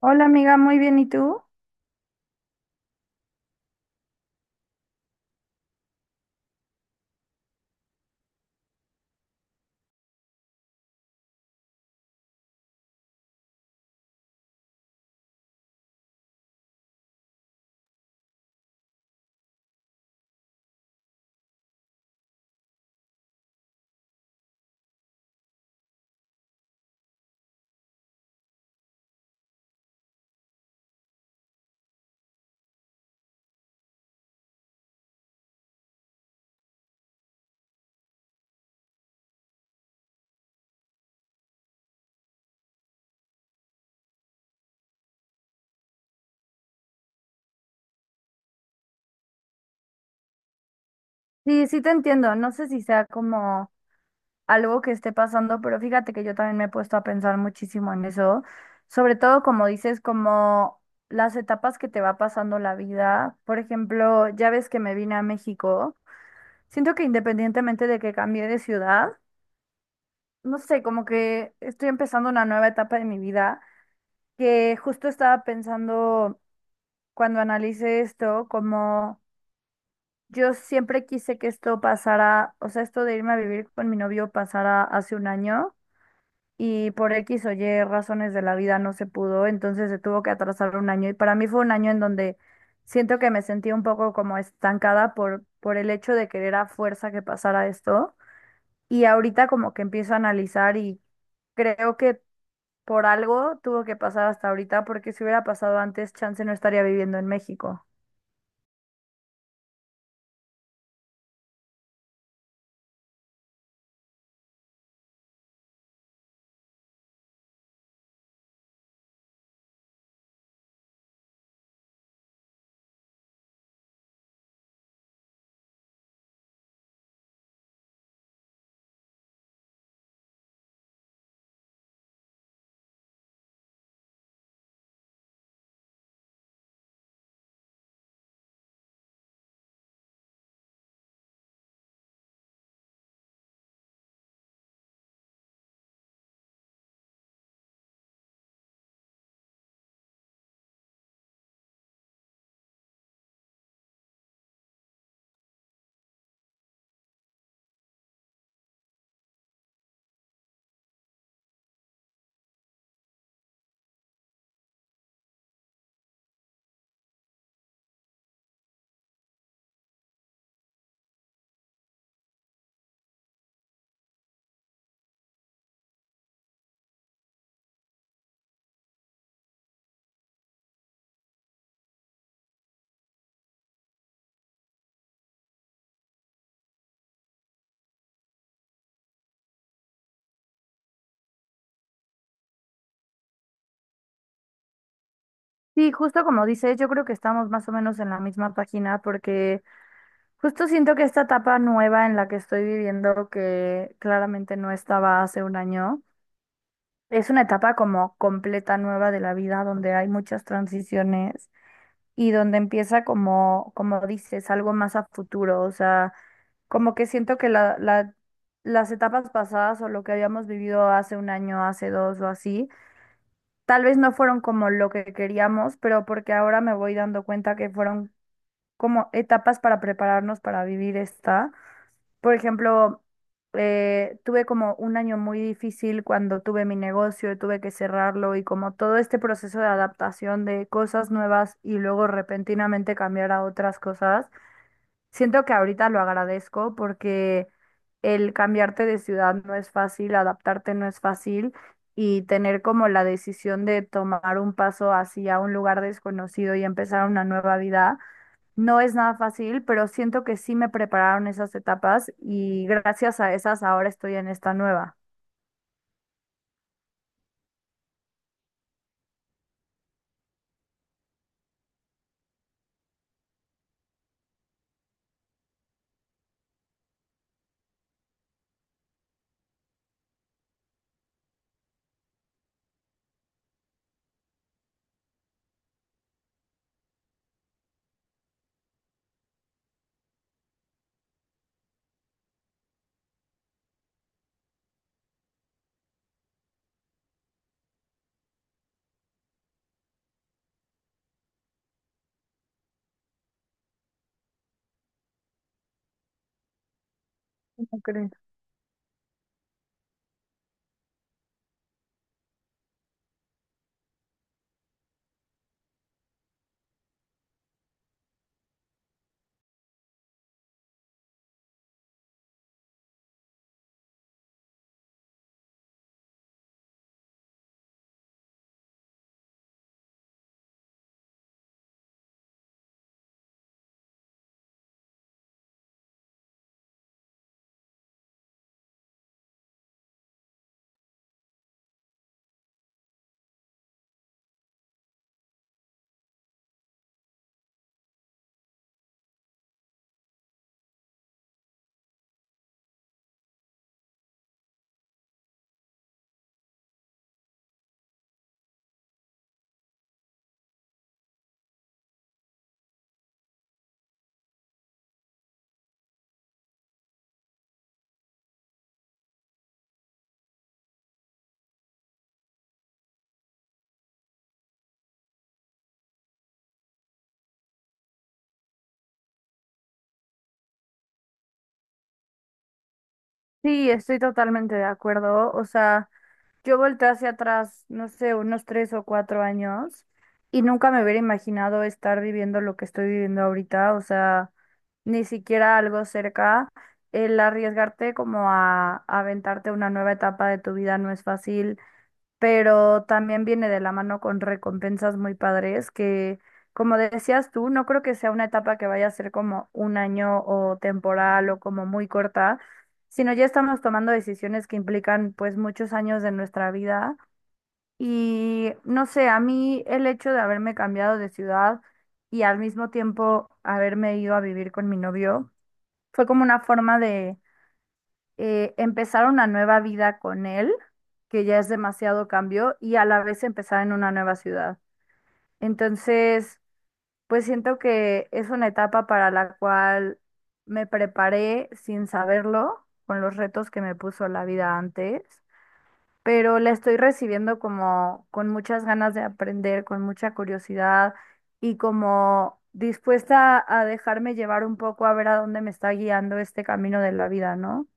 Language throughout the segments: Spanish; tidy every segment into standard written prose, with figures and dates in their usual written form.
Hola amiga, muy bien, ¿y tú? Sí, sí te entiendo, no sé si sea como algo que esté pasando, pero fíjate que yo también me he puesto a pensar muchísimo en eso, sobre todo como dices, como las etapas que te va pasando la vida. Por ejemplo, ya ves que me vine a México, siento que independientemente de que cambié de ciudad, no sé, como que estoy empezando una nueva etapa de mi vida, que justo estaba pensando cuando analice esto, como... Yo siempre quise que esto pasara, o sea, esto de irme a vivir con mi novio pasara hace 1 año y por X o Y razones de la vida no se pudo, entonces se tuvo que atrasar 1 año y para mí fue 1 año en donde siento que me sentí un poco como estancada por el hecho de querer a fuerza que pasara esto, y ahorita como que empiezo a analizar y creo que por algo tuvo que pasar hasta ahorita, porque si hubiera pasado antes, chance no estaría viviendo en México. Sí, justo como dices, yo creo que estamos más o menos en la misma página, porque justo siento que esta etapa nueva en la que estoy viviendo, que claramente no estaba hace 1 año, es una etapa como completa nueva de la vida, donde hay muchas transiciones y donde empieza, como, como dices, algo más a futuro. O sea, como que siento que las etapas pasadas o lo que habíamos vivido hace 1 año, hace dos o así, tal vez no fueron como lo que queríamos, pero porque ahora me voy dando cuenta que fueron como etapas para prepararnos para vivir esta. Por ejemplo, tuve como 1 año muy difícil cuando tuve mi negocio y tuve que cerrarlo, y como todo este proceso de adaptación de cosas nuevas y luego repentinamente cambiar a otras cosas. Siento que ahorita lo agradezco porque el cambiarte de ciudad no es fácil, adaptarte no es fácil, y tener como la decisión de tomar un paso hacia un lugar desconocido y empezar una nueva vida no es nada fácil, pero siento que sí me prepararon esas etapas y gracias a esas ahora estoy en esta nueva. ¿Cómo crees? Sí, estoy totalmente de acuerdo. O sea... Yo volteé hacia atrás, no sé, unos 3 o 4 años, y nunca me hubiera imaginado estar viviendo lo que estoy viviendo ahorita, o sea, ni siquiera algo cerca. El arriesgarte como a aventarte una nueva etapa de tu vida no es fácil, pero también viene de la mano con recompensas muy padres que, como decías tú, no creo que sea una etapa que vaya a ser como 1 año o temporal o como muy corta, sino ya estamos tomando decisiones que implican pues muchos años de nuestra vida. Y no sé, a mí el hecho de haberme cambiado de ciudad y al mismo tiempo haberme ido a vivir con mi novio fue como una forma de empezar una nueva vida con él, que ya es demasiado cambio, y a la vez empezar en una nueva ciudad. Entonces, pues siento que es una etapa para la cual me preparé sin saberlo, con los retos que me puso la vida antes, pero la estoy recibiendo como con muchas ganas de aprender, con mucha curiosidad y como dispuesta a dejarme llevar un poco a ver a dónde me está guiando este camino de la vida, ¿no?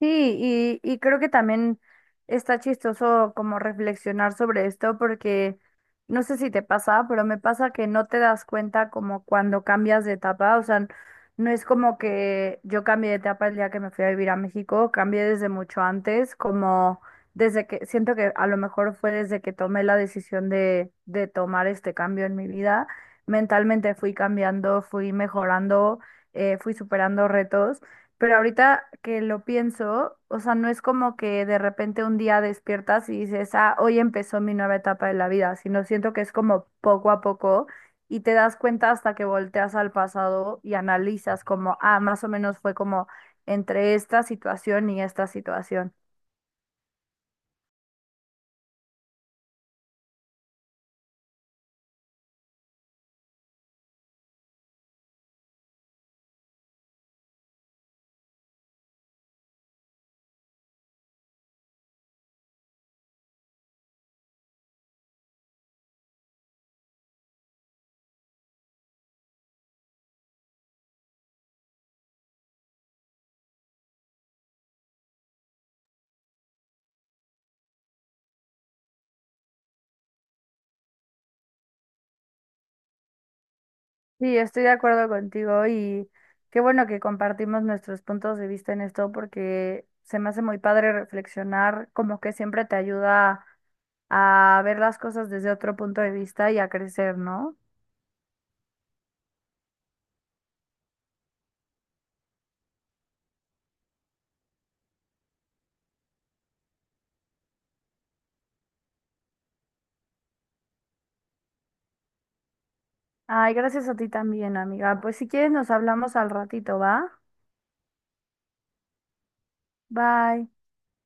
Sí, y creo que también está chistoso como reflexionar sobre esto, porque no sé si te pasa, pero me pasa que no te das cuenta como cuando cambias de etapa. O sea, no es como que yo cambié de etapa el día que me fui a vivir a México, cambié desde mucho antes, como desde que, siento que a lo mejor fue desde que tomé la decisión de tomar este cambio en mi vida, mentalmente fui cambiando, fui mejorando, fui superando retos. Pero ahorita que lo pienso, o sea, no es como que de repente un día despiertas y dices, ah, hoy empezó mi nueva etapa de la vida, sino siento que es como poco a poco, y te das cuenta hasta que volteas al pasado y analizas como, ah, más o menos fue como entre esta situación y esta situación. Sí, estoy de acuerdo contigo, y qué bueno que compartimos nuestros puntos de vista en esto, porque se me hace muy padre reflexionar, como que siempre te ayuda a ver las cosas desde otro punto de vista y a crecer, ¿no? Ay, gracias a ti también, amiga. Pues si quieres nos hablamos al ratito, ¿va? Bye.